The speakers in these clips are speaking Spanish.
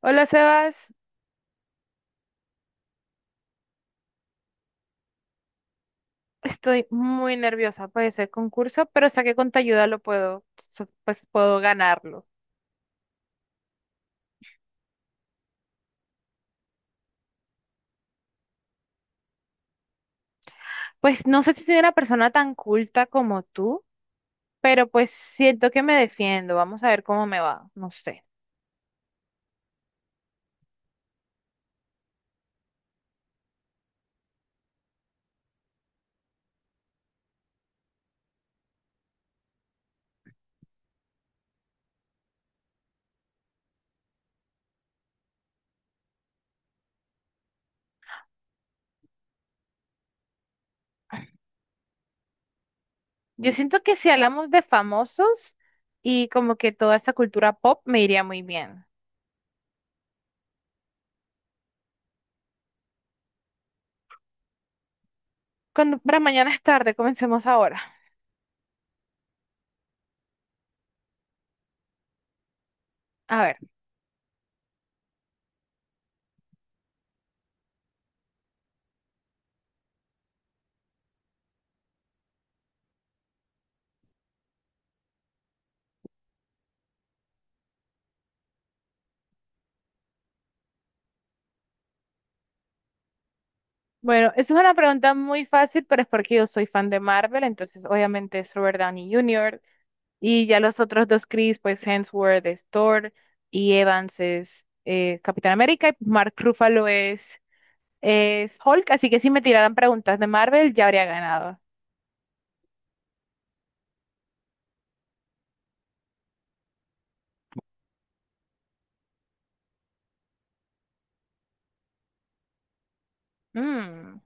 Hola Sebas, estoy muy nerviosa por ese concurso, pero sé que con tu ayuda lo puedo, pues puedo ganarlo. Pues no sé si soy una persona tan culta como tú, pero pues siento que me defiendo. Vamos a ver cómo me va, no sé. Yo siento que si hablamos de famosos y como que toda esa cultura pop me iría muy bien. Cuando, para mañana es tarde, comencemos ahora. A ver, bueno, eso es una pregunta muy fácil, pero es porque yo soy fan de Marvel, entonces obviamente es Robert Downey Jr. Y ya los otros dos Chris, pues Hemsworth es Thor y Evans es Capitán América y es Hulk. Así que si me tiraran preguntas de Marvel, ya habría ganado. Mm,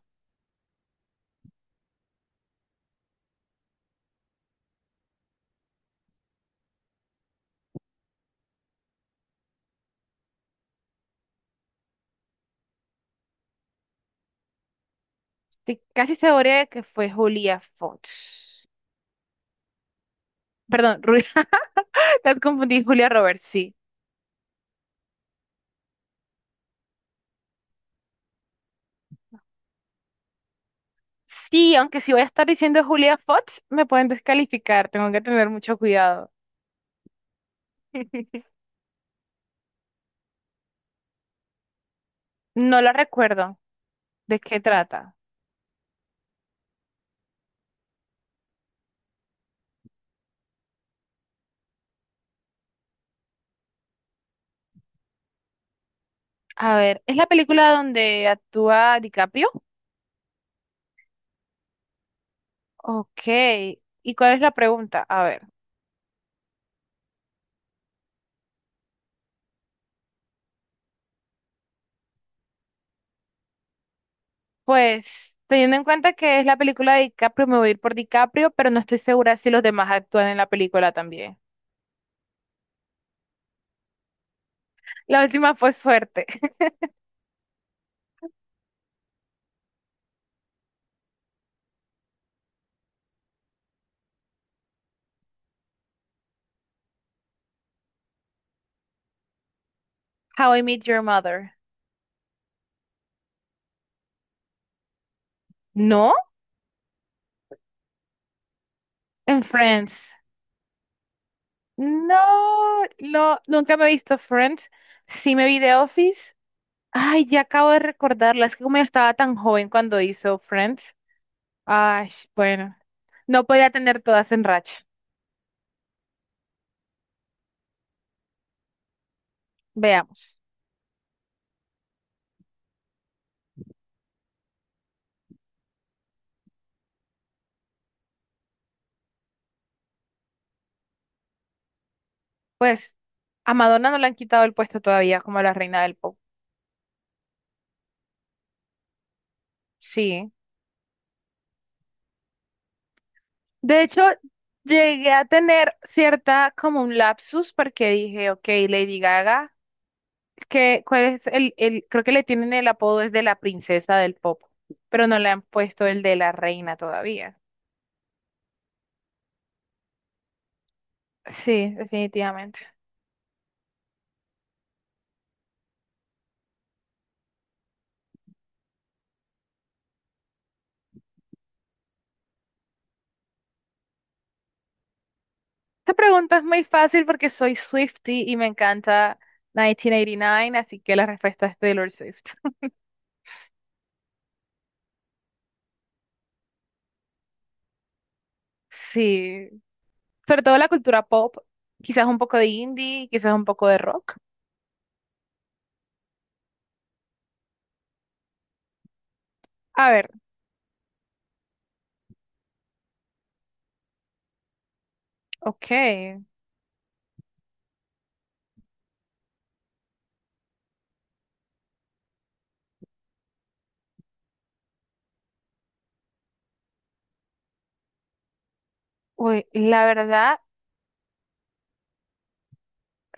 estoy casi segura de que fue Julia Fox. Perdón, Julia, te has confundido, Julia Roberts, sí. Sí, aunque si voy a estar diciendo Julia Fox, me pueden descalificar. Tengo que tener mucho cuidado. No la recuerdo. ¿De qué trata? A ver, ¿es la película donde actúa DiCaprio? Ok, ¿y cuál es la pregunta? A ver, pues teniendo en cuenta que es la película de DiCaprio, me voy a ir por DiCaprio, pero no estoy segura si los demás actúan en la película también. La última fue suerte. How I Met Your Mother. ¿No? En Friends. No, no, nunca me he visto Friends. Sí me vi The Office. Ay, ya acabo de recordarla. Es que como yo estaba tan joven cuando hizo Friends. Ay, bueno, no podía tener todas en racha. Veamos. Pues a Madonna no le han quitado el puesto todavía como la reina del pop. Sí. De hecho, llegué a tener cierta como un lapsus porque dije, ok, Lady Gaga, que cuál es creo que le tienen el apodo es de la princesa del pop, pero no le han puesto el de la reina todavía. Sí, definitivamente. Esta pregunta es muy fácil porque soy Swiftie y me encanta 1989, así que la respuesta es Taylor Swift. Sí, sobre todo la cultura pop, quizás un poco de indie, quizás un poco de rock. A ver, ok. Uy, la verdad,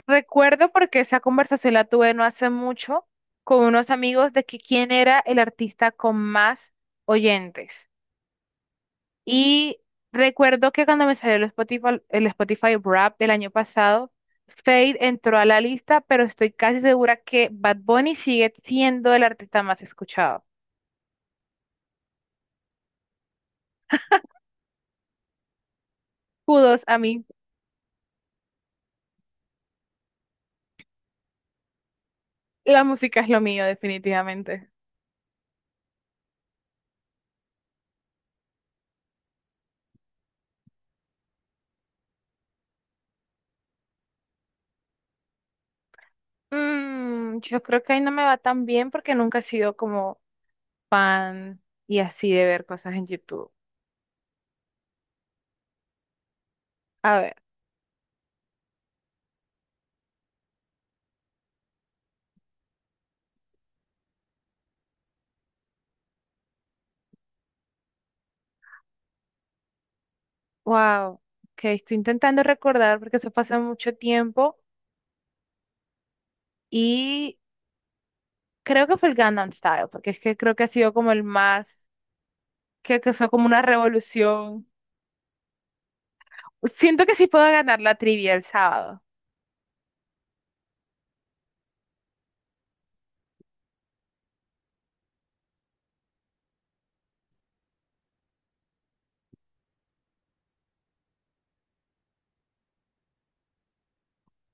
recuerdo porque esa conversación la tuve no hace mucho con unos amigos de que quién era el artista con más oyentes. Y recuerdo que cuando me salió el Spotify Wrap del año pasado, Fade entró a la lista, pero estoy casi segura que Bad Bunny sigue siendo el artista más escuchado. Kudos a mí, la música es lo mío, definitivamente. Mm, yo creo que ahí no me va tan bien porque nunca he sido como fan y así de ver cosas en YouTube. A ver, wow, que estoy intentando recordar porque eso pasa mucho tiempo y creo que fue el Gangnam Style, porque es que creo que ha sido como el más que causó como una revolución. Siento que sí puedo ganar la trivia el sábado.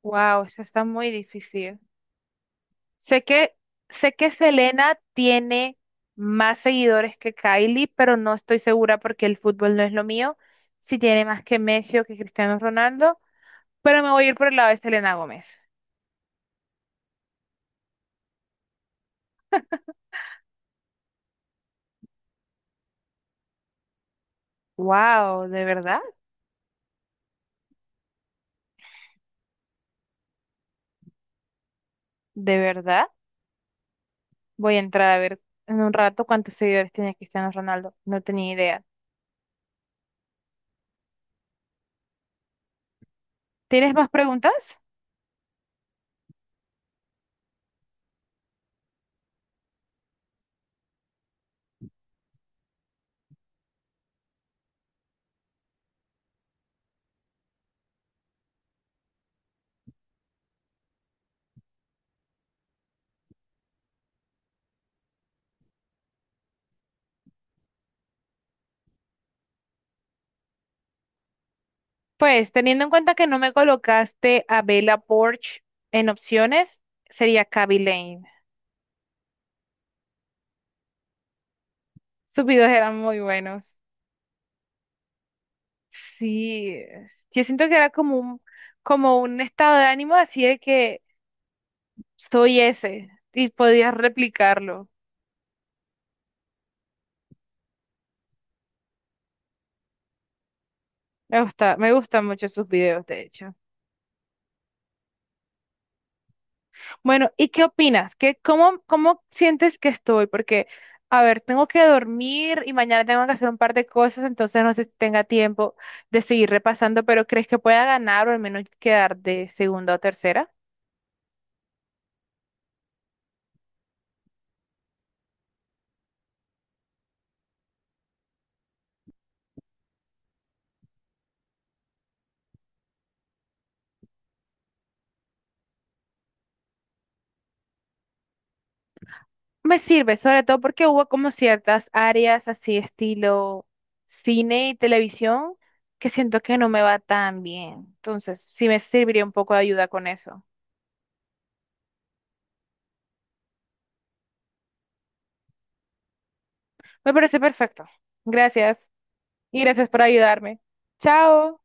Wow, eso está muy difícil. Sé que, sé que Selena tiene más seguidores que Kylie, pero no estoy segura porque el fútbol no es lo mío. Si tiene más que Messi o que Cristiano Ronaldo, pero me voy a ir por el lado de Selena Gómez. Wow, ¿de verdad? ¿De verdad? Voy a entrar a ver en un rato cuántos seguidores tiene Cristiano Ronaldo. No tenía idea. ¿Tienes más preguntas? Pues teniendo en cuenta que no me colocaste a Bella Poarch en opciones, sería Kaby Lane. Sus videos eran muy buenos. Yo siento que era como un estado de ánimo así de que soy ese y podías replicarlo. Me gustan mucho sus videos, de hecho. Bueno, ¿y qué opinas? ¿Cómo sientes que estoy? Porque, a ver, tengo que dormir y mañana tengo que hacer un par de cosas, entonces no sé si tenga tiempo de seguir repasando, pero ¿crees que pueda ganar o al menos quedar de segunda o tercera? Me sirve, sobre todo porque hubo como ciertas áreas así estilo cine y televisión que siento que no me va tan bien. Entonces, sí me serviría un poco de ayuda con eso. Me parece perfecto. Gracias. Y gracias por ayudarme. Chao.